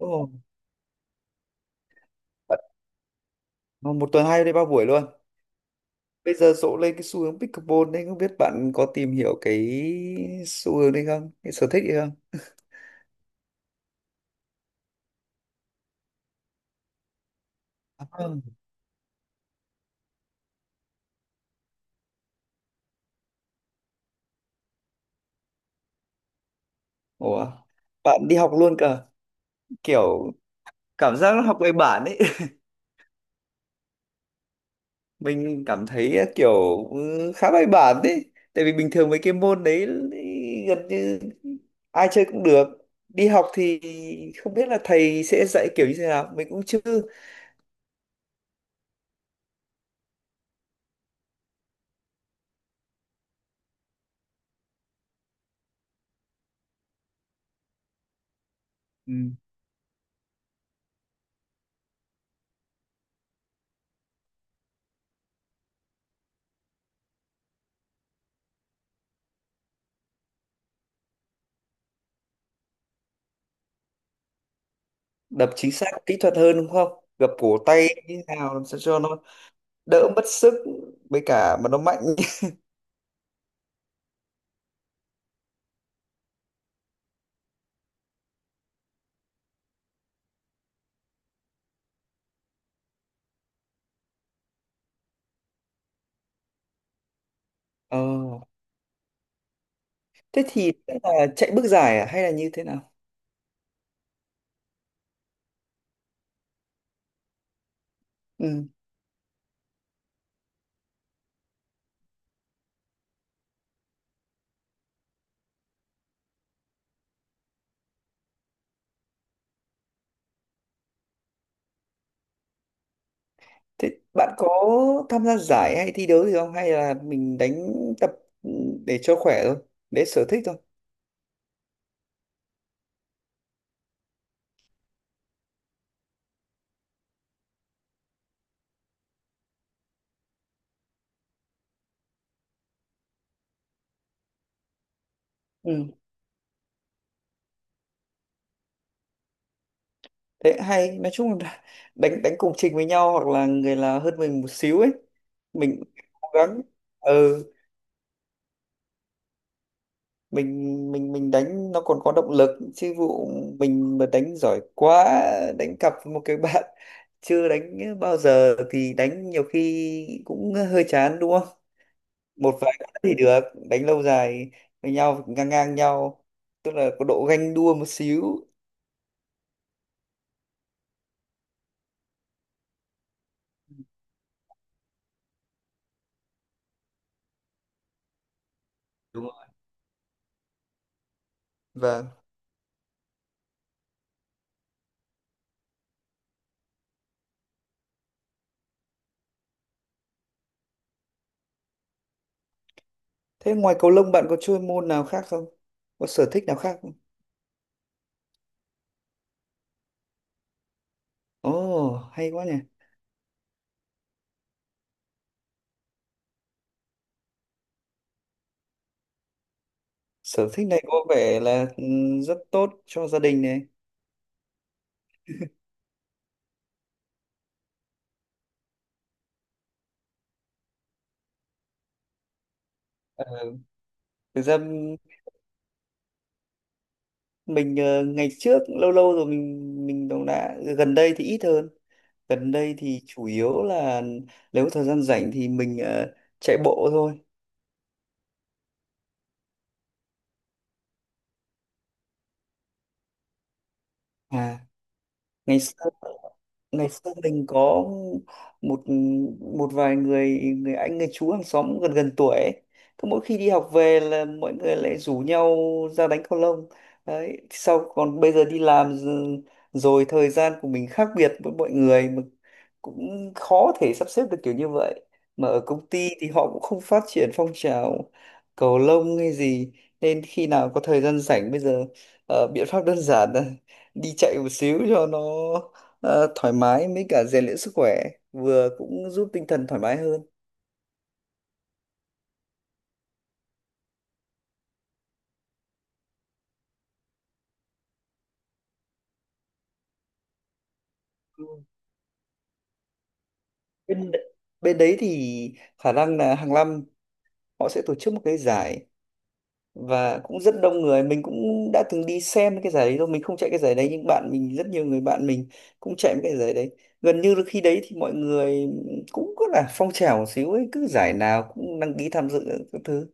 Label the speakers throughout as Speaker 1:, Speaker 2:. Speaker 1: Ồ, bạn- ờ, một tuần hai đi ba buổi luôn. Bây giờ rộ lên cái xu hướng pickleball đấy, không biết bạn có tìm hiểu cái xu hướng đấy không? Cái sở thích đấy không? À, vâng. Ủa, bạn đi học luôn cơ, kiểu cảm giác nó học bài bản ấy. Mình cảm thấy kiểu khá bài bản đấy. Tại vì bình thường mấy cái môn đấy ý, gần như ai chơi cũng được. Đi học thì không biết là thầy sẽ dạy kiểu như thế nào, mình cũng chưa. Ừ. Đập chính xác kỹ thuật hơn đúng không? Gập cổ tay như thế nào, làm sao cho nó đỡ mất sức với cả mà nó mạnh. Ờ. Thế thì sẽ là chạy bước giải à? Hay là như thế nào? Ừ. Thế bạn có tham gia giải hay thi đấu gì không, hay là mình đánh tập ừ, để cho khỏe thôi, để sở thích thôi? Ừ. Thế hay nói chung là đánh đánh cùng trình với nhau, hoặc là người là hơn mình một xíu ấy. Mình cố gắng. Ừ. Mình đánh nó còn có động lực, chứ vụ mình mà đánh giỏi quá, đánh cặp với một cái bạn chưa đánh bao giờ thì đánh nhiều khi cũng hơi chán đúng không? Một vài cái thì được, đánh lâu dài với nhau, ngang ngang nhau, tức là có độ ganh đua một xíu. Đúng rồi. Vâng. Thế ngoài cầu lông bạn có chơi môn nào khác không, có sở thích nào khác không? Ồ. Oh, hay quá nhỉ. Sở thích này có vẻ là rất tốt cho gia đình này. Ờ, Thực ra mình ngày trước lâu lâu rồi mình cũng đã, gần đây thì ít hơn. Gần đây thì chủ yếu là nếu có thời gian rảnh thì mình chạy bộ thôi. À. ngày xưa ngày xưa mình có một một vài người người anh, người chú hàng xóm gần gần tuổi ấy. Cứ mỗi khi đi học về là mọi người lại rủ nhau ra đánh cầu lông. Đấy, sau còn bây giờ đi làm rồi, thời gian của mình khác biệt với mọi người, mà cũng khó thể sắp xếp được kiểu như vậy. Mà ở công ty thì họ cũng không phát triển phong trào cầu lông hay gì, nên khi nào có thời gian rảnh bây giờ biện pháp đơn giản là đi chạy một xíu cho nó thoải mái, mới cả rèn luyện sức khỏe, vừa cũng giúp tinh thần thoải mái hơn. Ừ. bên bên đấy thì khả năng là hàng năm họ sẽ tổ chức một cái giải và cũng rất đông người. Mình cũng đã từng đi xem cái giải đấy rồi, mình không chạy cái giải đấy nhưng bạn mình, rất nhiều người bạn mình cũng chạy cái giải đấy. Gần như là khi đấy thì mọi người cũng có là phong trào một xíu ấy, cứ giải nào cũng đăng ký tham dự các thứ.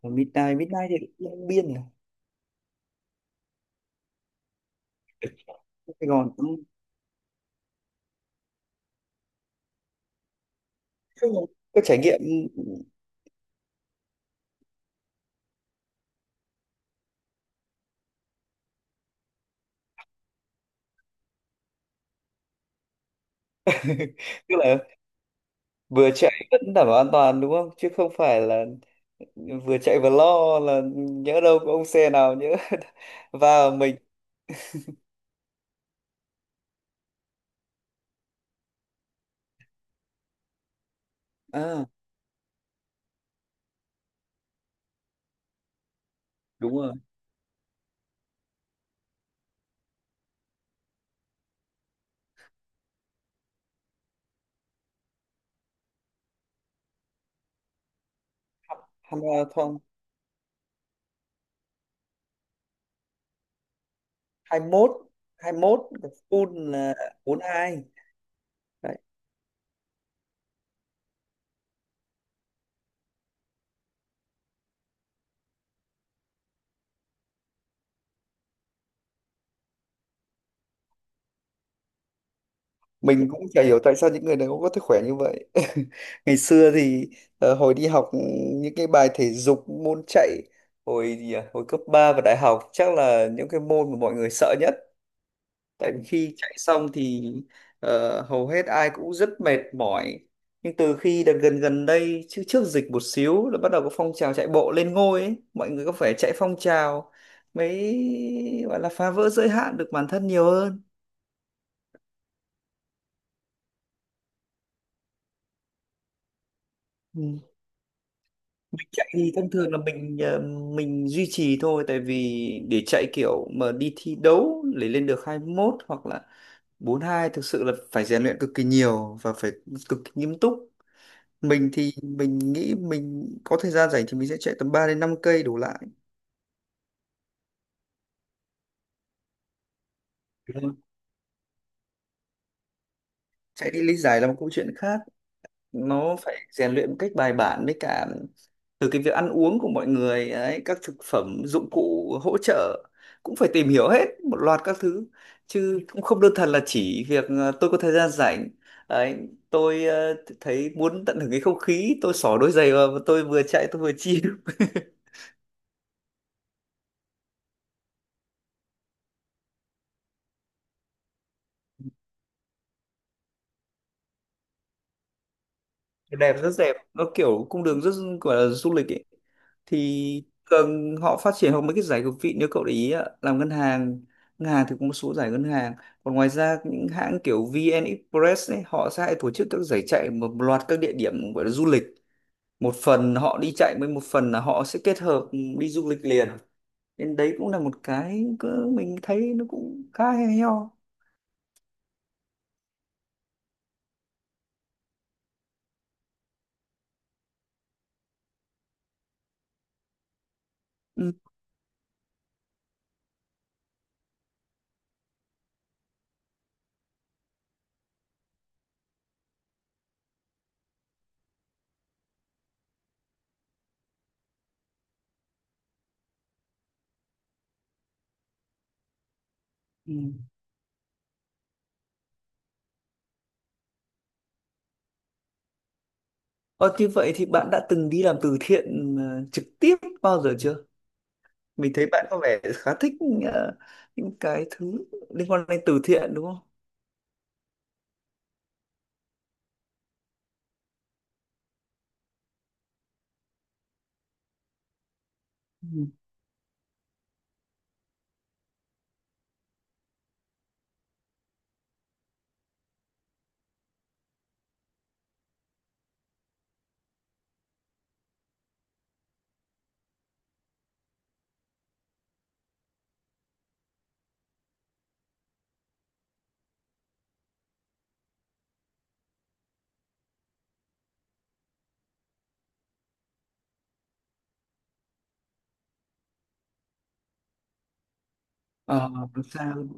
Speaker 1: Ở Midnight Midnight thì Long Biên này, Sài Gòn cũng có trải nghiệm. Tức là vừa chạy vẫn đảm bảo an toàn đúng không, chứ không phải là vừa chạy vừa lo là nhỡ đâu có ông xe nào nhỡ vào mình. À, đúng rồi. Hamilton, 21 21 còn full là 42. Đấy. Mình cũng chả hiểu tại sao những người này cũng có thể khỏe như vậy. Ngày xưa thì hồi đi học, những cái bài thể dục môn chạy, hồi gì à? Hồi cấp 3 và đại học chắc là những cái môn mà mọi người sợ. Tại vì khi chạy xong thì hầu hết ai cũng rất mệt mỏi. Nhưng từ khi đợt gần gần đây, chứ trước dịch một xíu là bắt đầu có phong trào chạy bộ lên ngôi ấy. Mọi người có phải chạy phong trào mới gọi là phá vỡ giới hạn được bản thân nhiều hơn. Ừ. Mình chạy thì thông thường là mình duy trì thôi, tại vì để chạy kiểu mà đi thi đấu để lên được 21 hoặc là 42 thực sự là phải rèn luyện cực kỳ nhiều và phải cực kỳ nghiêm túc. Mình thì mình nghĩ mình có thời gian rảnh thì mình sẽ chạy tầm 3 đến 5 cây đổ lại. Đúng không? Chạy đi lý giải là một câu chuyện khác, nó phải rèn luyện một cách bài bản, với cả từ cái việc ăn uống của mọi người ấy, các thực phẩm dụng cụ hỗ trợ cũng phải tìm hiểu hết một loạt các thứ, chứ cũng không đơn thuần là chỉ việc tôi có thời gian rảnh ấy, tôi thấy muốn tận hưởng cái không khí, tôi xỏ đôi giày vào và tôi vừa chạy tôi vừa chill. Đẹp, rất đẹp, nó kiểu cung đường rất, gọi là du lịch ấy. Thì thường họ phát triển hoặc mấy cái giải cực vị, nếu cậu để ý ạ, làm ngân hàng, ngân hàng thì có một số giải ngân hàng. Còn ngoài ra những hãng kiểu VN Express ấy họ sẽ hay tổ chức các giải chạy một loạt các địa điểm gọi là du lịch. Một phần họ đi chạy, với một phần là họ sẽ kết hợp đi du lịch liền, nên đấy cũng là một cái cứ mình thấy nó cũng khá hay ho. Ừ. Ừ. Ờ, Như vậy thì bạn đã từng đi làm từ thiện trực tiếp bao giờ chưa? Mình thấy bạn có vẻ khá thích ờ, những cái thứ liên quan đến từ thiện đúng không? Ừ. Ờ, làm sao?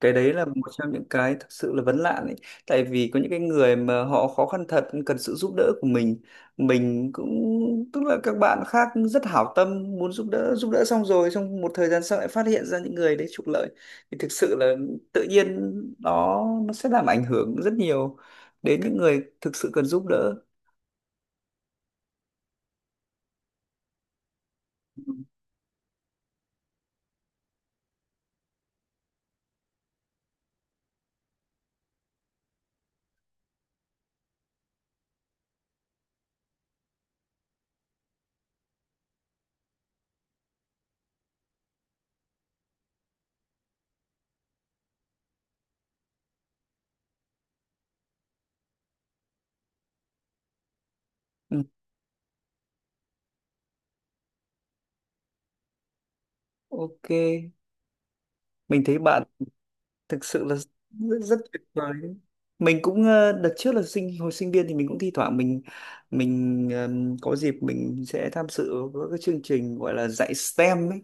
Speaker 1: Cái đấy là một trong những cái thực sự là vấn nạn ấy. Tại vì có những cái người mà họ khó khăn thật cần sự giúp đỡ của mình. Mình cũng tức là các bạn khác rất hảo tâm muốn giúp đỡ xong rồi trong một thời gian sau lại phát hiện ra những người đấy trục lợi, thì thực sự là tự nhiên nó sẽ làm ảnh hưởng rất nhiều đến những người thực sự cần giúp đỡ. Ừ, ok. Mình thấy bạn thực sự là rất, rất tuyệt vời đấy. Mình cũng đợt trước là hồi sinh viên thì mình cũng thi thoảng mình có dịp mình sẽ tham dự các cái chương trình gọi là dạy STEM ấy,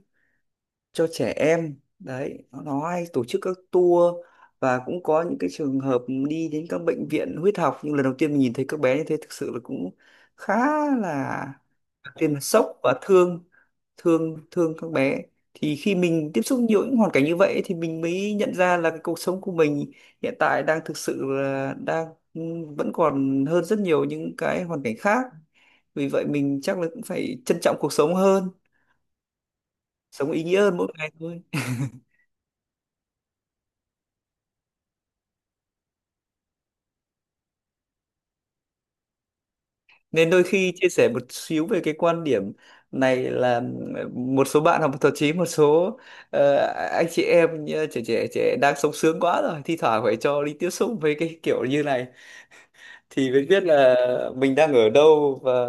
Speaker 1: cho trẻ em đấy. Nó hay tổ chức các tour và cũng có những cái trường hợp đi đến các bệnh viện huyết học, nhưng lần đầu tiên mình nhìn thấy các bé như thế thực sự là cũng khá là tiên là sốc và thương thương thương các bé. Thì khi mình tiếp xúc nhiều những hoàn cảnh như vậy thì mình mới nhận ra là cái cuộc sống của mình hiện tại đang thực sự là đang vẫn còn hơn rất nhiều những cái hoàn cảnh khác, vì vậy mình chắc là cũng phải trân trọng cuộc sống hơn, sống ý nghĩa hơn mỗi ngày thôi. Nên đôi khi chia sẻ một xíu về cái quan điểm này là một số bạn học, thậm chí một số ờ, anh chị em như trẻ trẻ trẻ đang sống sướng quá rồi, thi thoảng phải cho đi tiếp xúc với cái kiểu như này thì mới biết là mình đang ở đâu và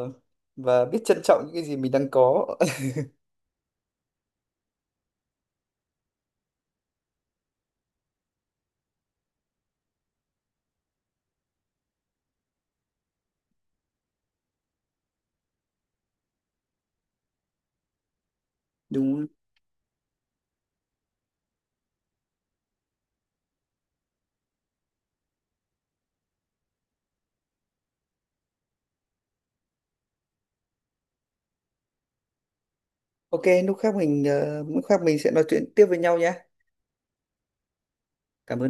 Speaker 1: và biết trân trọng những cái gì mình đang có. Đúng. Ok, lúc khác mình sẽ nói chuyện tiếp với nhau nhé. Cảm ơn.